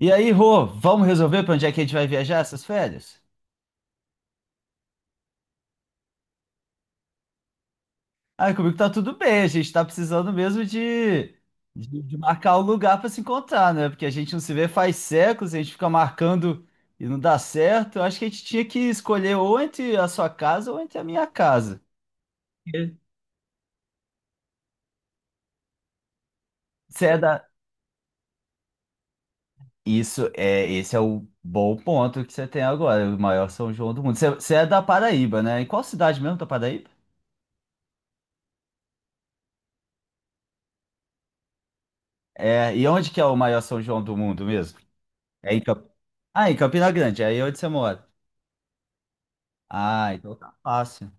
E aí, Rô, vamos resolver para onde é que a gente vai viajar essas férias? Ah, comigo tá tudo bem, a gente tá precisando mesmo de, de marcar um lugar para se encontrar, né? Porque a gente não se vê faz séculos, a gente fica marcando e não dá certo. Eu acho que a gente tinha que escolher ou entre a sua casa ou entre a minha casa. Você é da... Isso é, esse é o bom ponto que você tem agora, o maior São João do mundo. Você é da Paraíba, né? Em qual cidade mesmo da Paraíba? É, e onde que é o maior São João do mundo mesmo? É em Camp... Ah, em Campina Grande, aí é onde você mora. Ah, então tá fácil.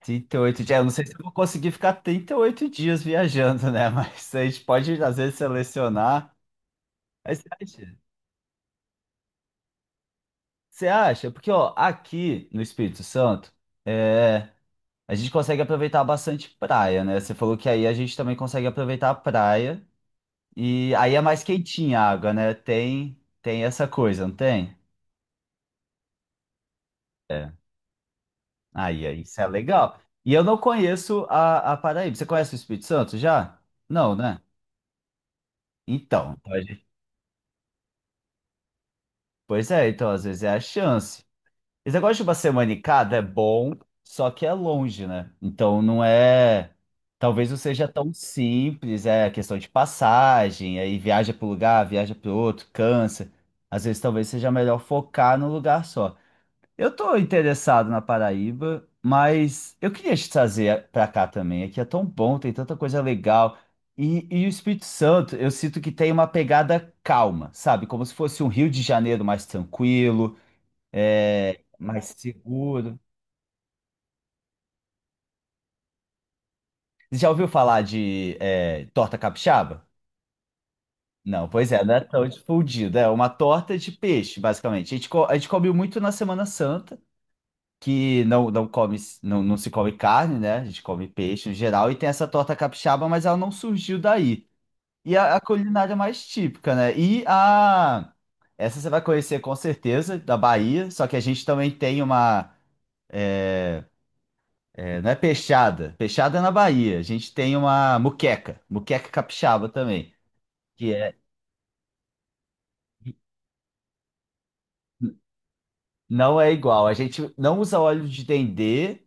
38 dias. Eu não sei se eu vou conseguir ficar 38 dias viajando, né? Mas a gente pode, às vezes, selecionar. Mas você acha? Você acha? Porque, ó, aqui no Espírito Santo, é, a gente consegue aproveitar bastante praia, né? Você falou que aí a gente também consegue aproveitar a praia. E aí é mais quentinha a água, né? Tem essa coisa, não tem? É. Isso é legal. E eu não conheço a Paraíba. Você conhece o Espírito Santo já? Não, né? Então, então a gente- Pois é, então às vezes é a chance. Esse negócio de uma semana em cada é bom, só que é longe, né? Então não é. Talvez não seja tão simples, é questão de passagem, aí viaja para um lugar, viaja para outro, cansa. Às vezes talvez seja melhor focar num lugar só. Eu tô interessado na Paraíba, mas eu queria te trazer para cá também. Aqui é tão bom, tem tanta coisa legal. E o Espírito Santo, eu sinto que tem uma pegada calma, sabe? Como se fosse um Rio de Janeiro mais tranquilo, mais seguro. Você já ouviu falar de torta capixaba? Não, pois é, não é tão difundido. É uma torta de peixe, basicamente. A gente comeu muito na Semana Santa. Que não, não come, não, não se come carne, né? A gente come peixe em geral, e tem essa torta capixaba, mas ela não surgiu daí. E a culinária mais típica, né? E a. Essa você vai conhecer com certeza, da Bahia, só que a gente também tem uma. é, É, não é peixada, peixada é na Bahia. A gente tem uma muqueca, muqueca capixaba também, que é. Não é igual. A gente não usa óleo de dendê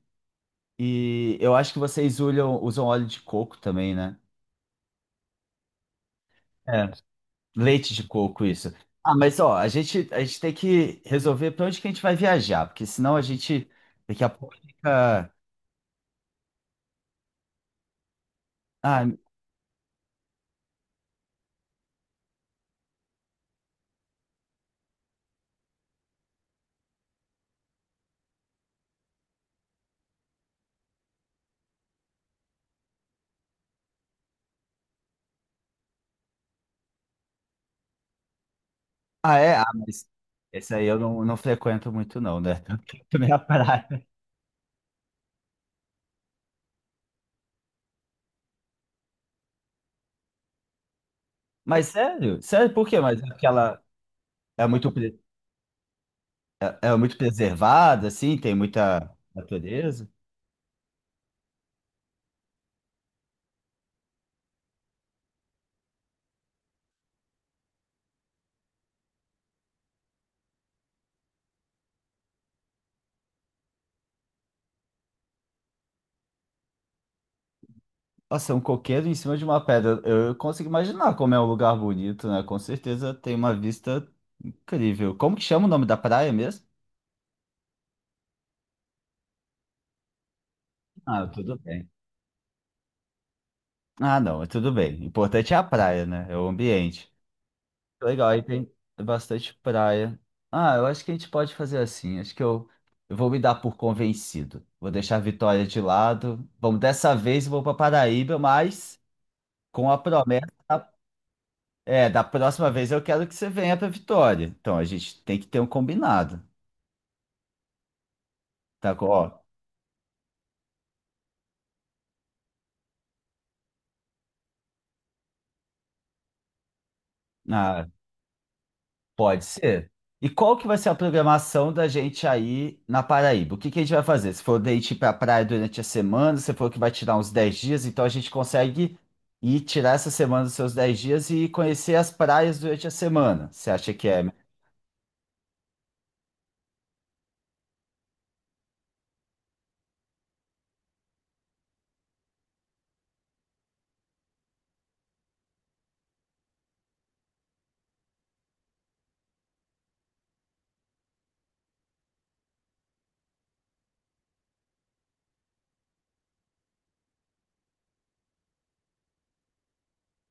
e eu acho que usam óleo de coco também, né? É. Leite de coco, isso. Ah, mas ó, a gente tem que resolver para onde que a gente vai viajar, porque senão a gente daqui a pouco fica. Ah, ah é? Ah, mas esse aí eu não, não frequento muito, não, né? Também a praia. Mas sério? Sério, por quê? Mas é porque ela é muito, pre- é, é muito preservada, assim, tem muita natureza. Nossa, um coqueiro em cima de uma pedra. Eu consigo imaginar como é um lugar bonito, né? Com certeza tem uma vista incrível. Como que chama o nome da praia mesmo? Ah, tudo bem. Ah, não, é tudo bem. O importante é a praia, né? É o ambiente. Legal, aí tem bastante praia. Ah, eu acho que a gente pode fazer assim. Eu vou me dar por convencido. Vou deixar a Vitória de lado. Vamos dessa vez, eu vou para Paraíba, mas com a promessa, da próxima vez eu quero que você venha para Vitória. Então a gente tem que ter um combinado, tá? Ó, pode ser. E qual que vai ser a programação da gente aí na Paraíba? O que que a gente vai fazer? Se for date ir para praia durante a semana, você falou que vai tirar uns 10 dias, então a gente consegue ir tirar essa semana dos seus 10 dias e conhecer as praias durante a semana. Você acha que é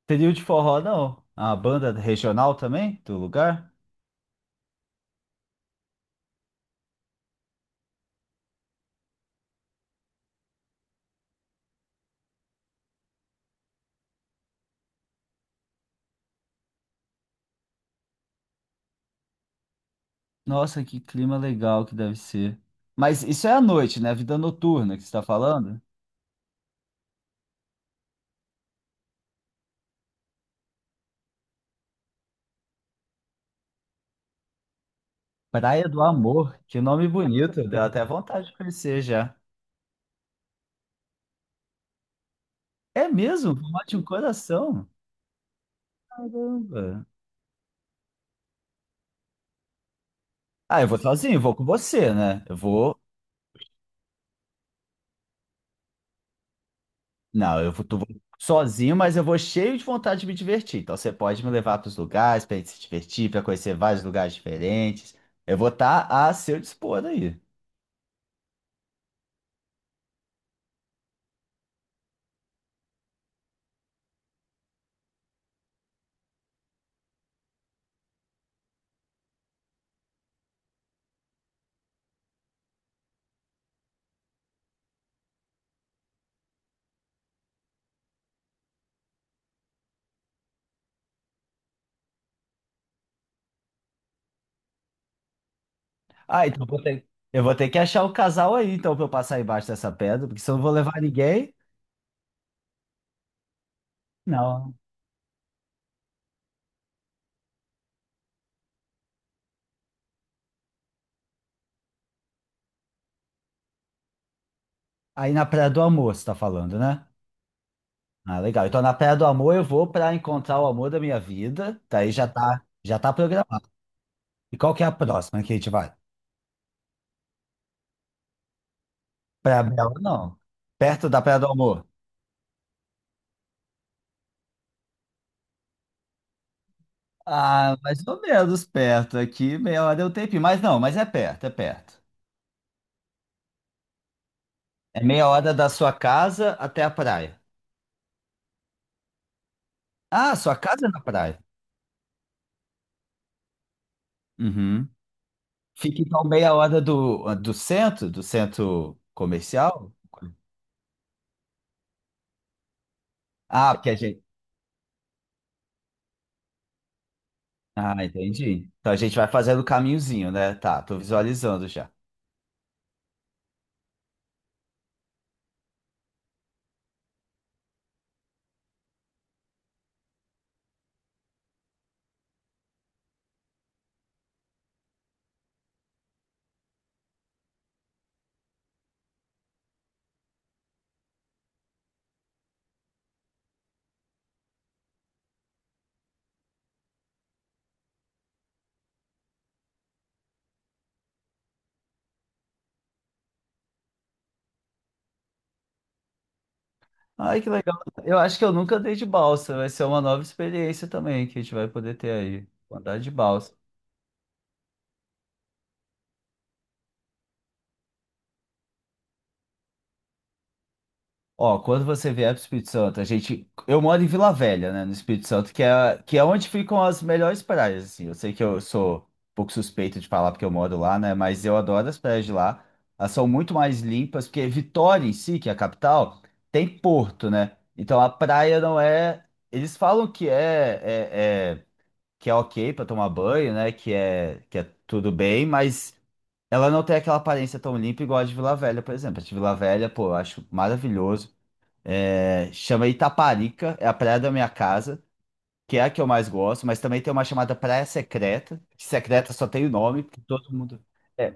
trio de forró, não? A banda regional também do lugar? Nossa, que clima legal que deve ser. Mas isso é à noite, né? Vida noturna que você está falando? Praia do Amor, que nome bonito, deu até vontade de conhecer já. É mesmo? Vou de um coração? Caramba. Ah, eu vou sozinho, vou com você, né? Eu vou. Não, sozinho, mas eu vou cheio de vontade de me divertir. Então você pode me levar para os lugares para gente se divertir, para conhecer vários lugares diferentes. Eu vou estar a seu dispor aí. Ah, então eu vou ter que achar o casal aí, então, para eu passar embaixo dessa pedra, porque se eu não vou levar ninguém, não. Aí na Praia do Amor, você tá falando, né? Ah, legal. Então na Praia do Amor eu vou para encontrar o amor da minha vida. Daí já tá programado. E qual que é a próxima que a gente vai? Praia Bela, não. Perto da Praia do Amor. Ah, mais ou menos perto. Aqui meia hora é o tempinho. Mas não, mas é perto, é perto. É meia hora da sua casa até a praia. Ah, sua casa é na praia. Uhum. Fica então meia hora do centro comercial. Ah, porque a gente. Ah, entendi. Então a gente vai fazendo o caminhozinho, né? Tá, tô visualizando já. Ai, que legal. Eu acho que eu nunca andei de balsa. Vai ser uma nova experiência também que a gente vai poder ter aí. Andar de balsa. Ó, quando você vier para o Espírito Santo, a gente. Eu moro em Vila Velha, né, no Espírito Santo, que é onde ficam as melhores praias, assim. Eu sei que eu sou um pouco suspeito de falar porque eu moro lá, né, mas eu adoro as praias de lá. Elas são muito mais limpas, porque Vitória em si, que é a capital, tem porto, né? Então a praia não é. Eles falam que é, que é ok pra tomar banho, né? Que é tudo bem, mas ela não tem aquela aparência tão limpa igual a de Vila Velha, por exemplo. A de Vila Velha, pô, eu acho maravilhoso. É, chama Itaparica, é a praia da minha casa, que é a que eu mais gosto, mas também tem uma chamada Praia Secreta, que secreta só tem o nome, porque todo mundo. É,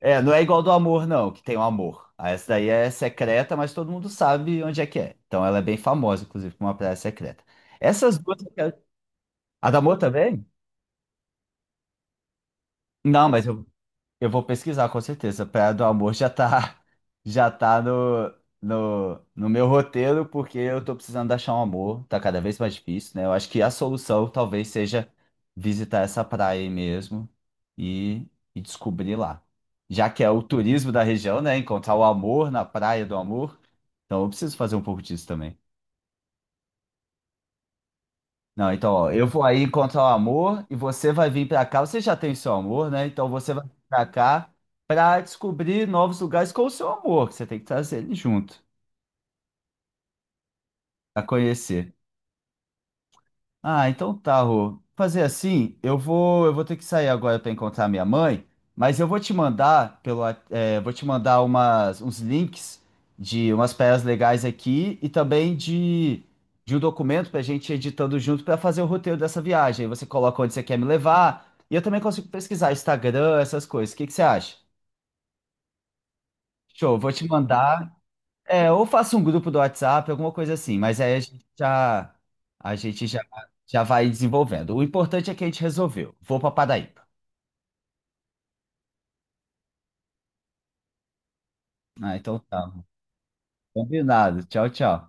não é igual do amor, não, que tem o amor. Ah, essa daí é secreta, mas todo mundo sabe onde é que é. Então ela é bem famosa, inclusive, como uma praia secreta. Essas duas. Eu quero- A da amor também? Não, mas eu vou pesquisar com certeza. Praia do Amor já tá, já tá no meu roteiro, porque eu tô precisando achar um amor. Tá cada vez mais difícil, né? Eu acho que a solução talvez seja visitar essa praia aí mesmo e, e descobrir lá. Já que é o turismo da região, né? Encontrar o amor na Praia do Amor. Então eu preciso fazer um pouco disso também. Não, então, ó, eu vou aí encontrar o amor e você vai vir pra cá. Você já tem seu amor, né? Então você vai vir pra cá pra descobrir novos lugares com o seu amor, que você tem que trazer ele junto, pra conhecer. Ah, então tá, Rô. Fazer assim, eu vou ter que sair agora para encontrar minha mãe, mas eu vou te mandar pelo, vou te mandar umas, uns links de umas peças legais aqui e também de um documento para a gente ir editando junto para fazer o roteiro dessa viagem. Aí você coloca onde você quer me levar e eu também consigo pesquisar Instagram, essas coisas. O que que você acha? Show, vou te mandar. É, ou faço um grupo do WhatsApp, alguma coisa assim, mas aí a gente já, já vai desenvolvendo. O importante é que a gente resolveu. Vou para Paraíba. Ah, então tá. Combinado. Tchau, tchau.